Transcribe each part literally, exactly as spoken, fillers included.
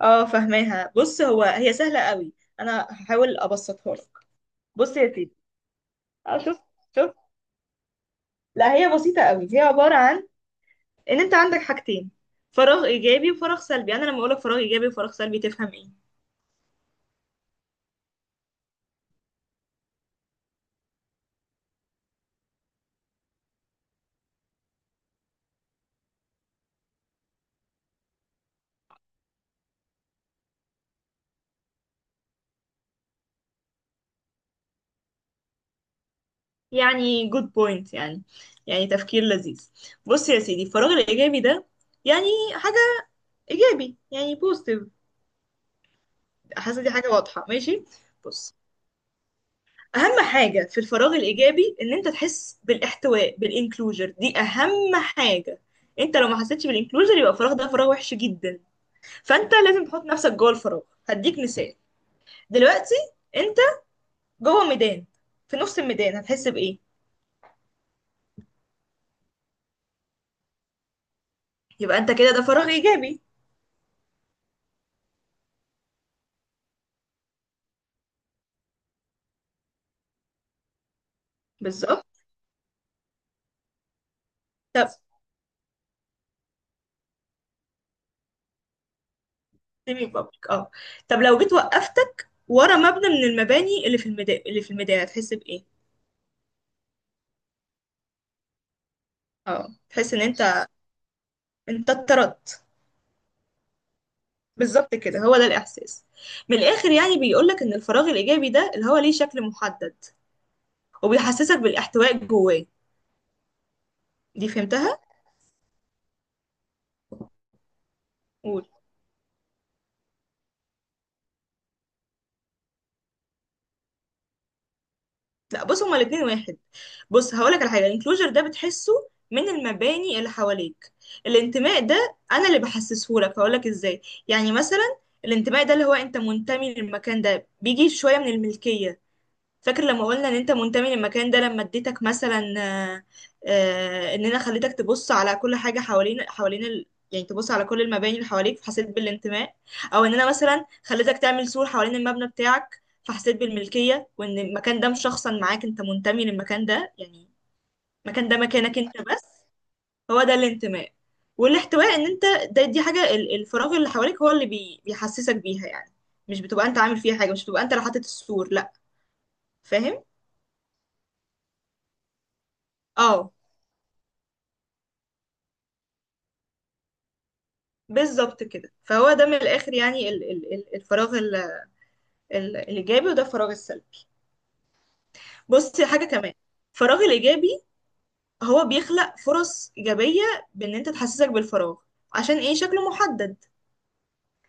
اه فهماها. بص، هو هي سهلة قوي، انا هحاول ابسطها لك. بص يا سيدي، اه شوف شوف. لا، هي بسيطة قوي، هي عبارة عن ان انت عندك حاجتين، فراغ ايجابي وفراغ سلبي. يعني انا لما اقولك فراغ ايجابي وفراغ سلبي تفهم ايه؟ يعني جود بوينت، يعني يعني تفكير لذيذ. بص يا سيدي، الفراغ الايجابي ده يعني حاجة ايجابي، يعني بوزيتيف. حاسة دي حاجة واضحة، ماشي. بص، اهم حاجه في الفراغ الايجابي ان انت تحس بالاحتواء، بالانكلوجر، دي اهم حاجه. انت لو ما حسيتش بالانكلوجر يبقى الفراغ ده فراغ وحش جدا، فانت لازم تحط نفسك جوه الفراغ. هديك مثال، دلوقتي انت جوه ميدان، في نص الميدان هتحس بايه؟ يبقى انت كده ده فراغ ايجابي. بالظبط. طب سيمي بابليك، اه. طب لو جيت وقفتك ورا مبنى من المباني اللي في الميدان، اللي في الميدان هتحس بايه؟ اه، تحس ان انت انت اتطردت. بالظبط كده، هو ده الإحساس. من الآخر يعني بيقولك إن الفراغ الإيجابي ده اللي هو ليه شكل محدد وبيحسسك بالاحتواء جواه. دي فهمتها؟ قول. لا، بص، هما الاتنين واحد. بص، هقولك على حاجة، الانكلوجر ده بتحسه من المباني اللي حواليك. الانتماء ده أنا اللي بحسسهولك، هقولك إزاي. يعني مثلا الانتماء ده اللي هو أنت منتمي للمكان ده بيجي شوية من الملكية. فاكر لما قلنا ان انت منتمي للمكان ده لما اديتك مثلا، آه، آه، ان انا خليتك تبص على كل حاجه، حوالين حوالين ال... يعني تبص على كل المباني اللي حواليك، فحسيت بالانتماء. او ان انا مثلا خليتك تعمل سور حوالين المبنى بتاعك، فحسيت بالملكيه، وان المكان ده مشخصا معاك، انت منتمي للمكان ده يعني. المكان ده مكانك انت بس، هو ده الانتماء. والاحتواء ان انت، ده دي حاجه ال- الفراغ اللي حواليك هو اللي بي... بيحسسك بيها يعني، مش بتبقى انت عامل فيها حاجه، مش بتبقى انت اللي حاطط السور، لا، فاهم. اه بالظبط كده، فهو ده من الاخر يعني، ال ال ال- الفراغ ال ال الايجابي، وده الفراغ السلبي. بص حاجه كمان، الفراغ الايجابي هو بيخلق فرص ايجابيه، بان انت تحسسك بالفراغ، عشان ايه؟ شكله محدد.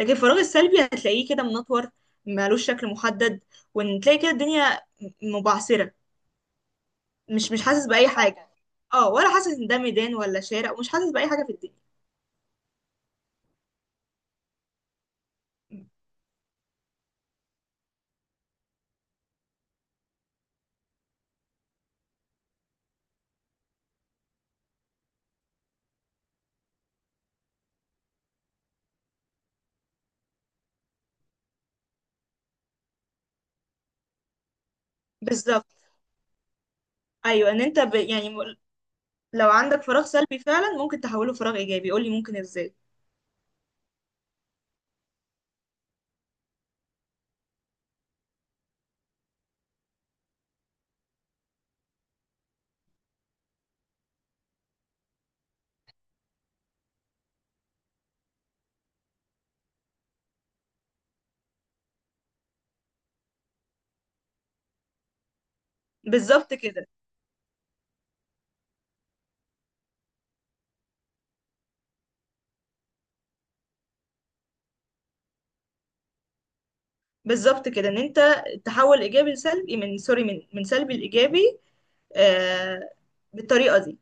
لكن الفراغ السلبي هتلاقيه كده منطور، مالوش شكل محدد، وان تلاقي كده الدنيا م- مبعثره، مش مش حاسس باي حاجه، اه، ولا حاسس ان ده ميدان ولا شارع، ومش حاسس باي حاجه في الدنيا. بالظبط. ايوه، ان انت ب... يعني لو عندك فراغ سلبي فعلا ممكن تحوله فراغ ايجابي، قولي ممكن ازاي. بالظبط كده. بالظبط كده، ان انت تحول ايجابي لسلبي، من سوري، من من سلبي لايجابي، آه، بالطريقه دي.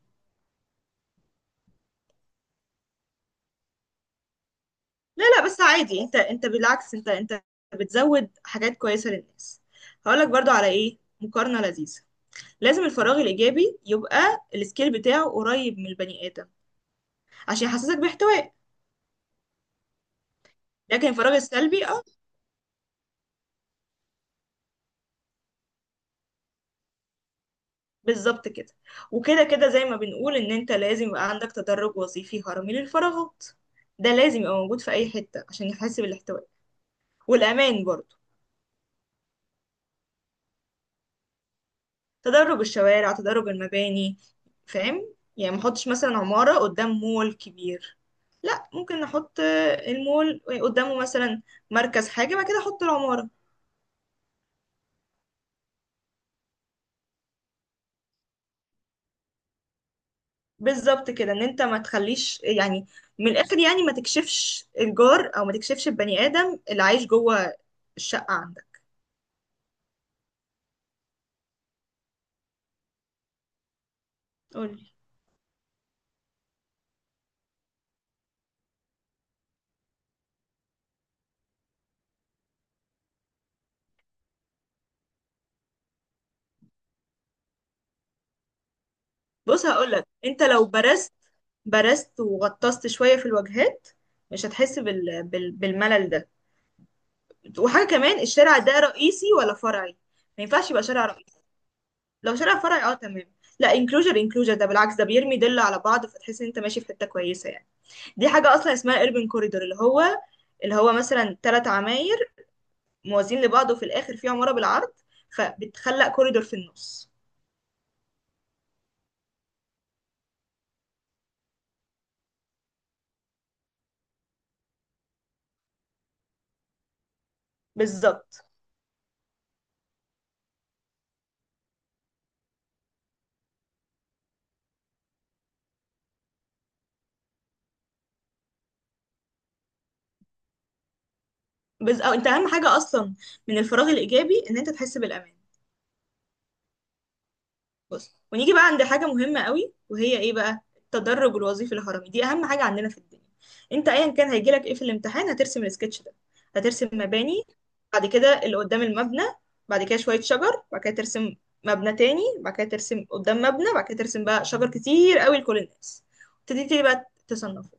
لا لا، بس عادي، انت انت، بالعكس، انت انت بتزود حاجات كويسه للناس. هقولك برضو على ايه مقارنه لذيذه. لازم الفراغ الايجابي يبقى السكيل بتاعه قريب من البني ادم، عشان يحسسك باحتواء. لكن الفراغ السلبي، اه. بالظبط كده. وكده كده زي ما بنقول ان انت لازم يبقى عندك تدرج وظيفي هرمي للفراغات، ده لازم يبقى موجود في اي حتة عشان يحاسب الاحتواء والامان برضو. تدرج الشوارع، تدرج المباني، فاهم؟ يعني ما احطش مثلا عمارة قدام مول كبير، لا، ممكن نحط المول قدامه، مثلا مركز حاجة، بعد كده احط العمارة. بالظبط كده، ان انت ما تخليش يعني، من الاخر يعني، ما تكشفش الجار، او ما تكشفش البني ادم اللي عايش جوه الشقة عندك. قولي. بص هقولك، انت لو برست برست وغطست شوية في الوجهات مش هتحس بال... بال... بالملل ده. وحاجة كمان، الشارع ده رئيسي ولا فرعي؟ ما ينفعش يبقى شارع رئيسي. لو شارع فرعي اه تمام. لا، انكلوجر، انكلوجر ده بالعكس، ده بيرمي دل على بعض، فتحس ان انت ماشي في حتة كويسة يعني. دي حاجة اصلا اسمها اربن كوريدور، اللي هو، اللي هو مثلا ثلاث عماير موازين لبعض، وفي الاخر في عمارة بالعرض، فبتخلق كوريدور في النص. بالظبط. بز... أو انت اهم حاجة اصلا من الفراغ الايجابي ان انت تحس بالامان. بص، ونيجي بقى عند حاجة مهمة قوي، وهي ايه بقى؟ التدرج الوظيفي الهرمي، دي اهم حاجة عندنا في الدنيا. انت ايا كان هيجيلك ايه في الامتحان هترسم السكتش ده. هترسم مباني، بعد كده اللي قدام المبنى، بعد كده شوية شجر، بعد كده ترسم مبنى تاني، بعد كده ترسم قدام مبنى، بعد كده ترسم بقى شجر كتير قوي لكل الناس. تبتدي تبتدي بقى تصنفه.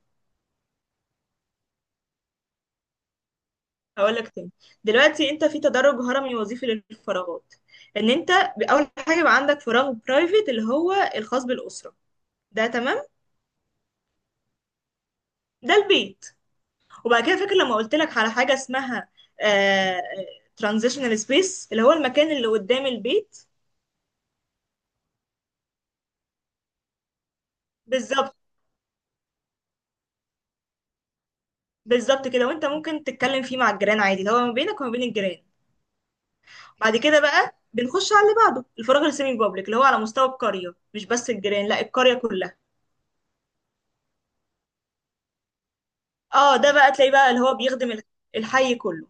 هقول لك تاني. دلوقتي انت في تدرج هرمي وظيفي للفراغات، ان انت اول حاجه بقى عندك فراغ برايفت اللي هو الخاص بالاسره، ده تمام. ده البيت. وبعد كده فاكر لما قلت لك على حاجه اسمها ترانزيشنال سبيس، اللي هو المكان اللي قدام البيت. بالظبط. بالظبط كده، وانت ممكن تتكلم فيه مع الجيران عادي، اللي هو ما بينك وما بين الجيران. بعد كده بقى بنخش على اللي بعده، الفراغ السيمي بابليك، اللي هو على مستوى القريه، مش بس الجيران، لا، القريه كلها. اه، ده بقى تلاقي بقى اللي هو بيخدم الح- الحي كله.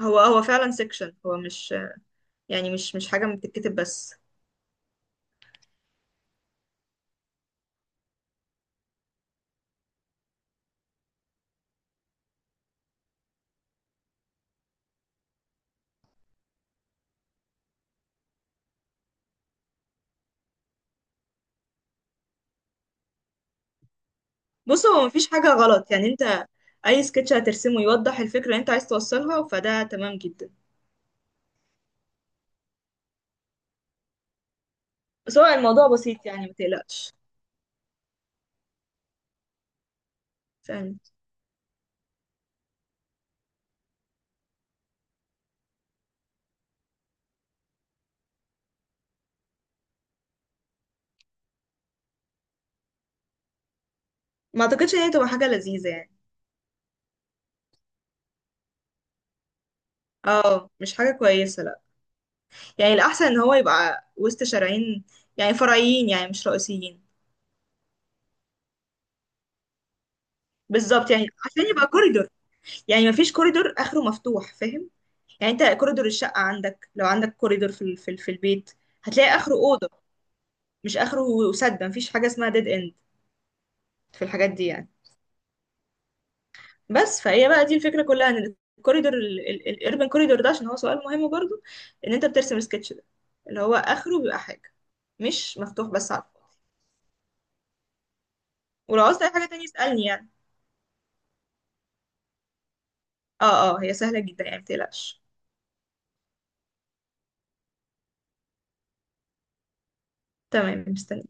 هو هو فعلا سيكشن، هو مش يعني، مش مش حاجه بتتكتب بس. بص هو مفيش حاجه غلط يعني، انت اي سكتش هترسمه يوضح الفكره اللي انت عايز توصلها فده تمام جدا. بس هو الموضوع بسيط يعني ما تقلقش. فاهم. ما اعتقدش ان هي تبقى حاجه لذيذه يعني. اه مش حاجه كويسه، لا. يعني الاحسن ان هو يبقى وسط شارعين، يعني فرعيين، يعني مش رئيسيين. بالظبط، يعني عشان يبقى كوريدور، يعني ما فيش كوريدور اخره مفتوح، فاهم؟ يعني انت كوريدور الشقه عندك، لو عندك كوريدور في ال- في ال- في البيت، هتلاقي اخره اوضه، مش اخره سد، ما فيش حاجه اسمها ديد اند في الحاجات دي يعني. بس فهي بقى دي الفكرة كلها، ان الكوريدور الاربن كوريدور ده، عشان هو سؤال مهم برضو، ان انت بترسم السكتش ده اللي هو اخره بيبقى حاجة مش مفتوح بس على الفاضي. ولو عاوزت اي حاجة تانية اسألني يعني. اه اه، هي سهلة جدا يعني متقلقش. تمام، مستني.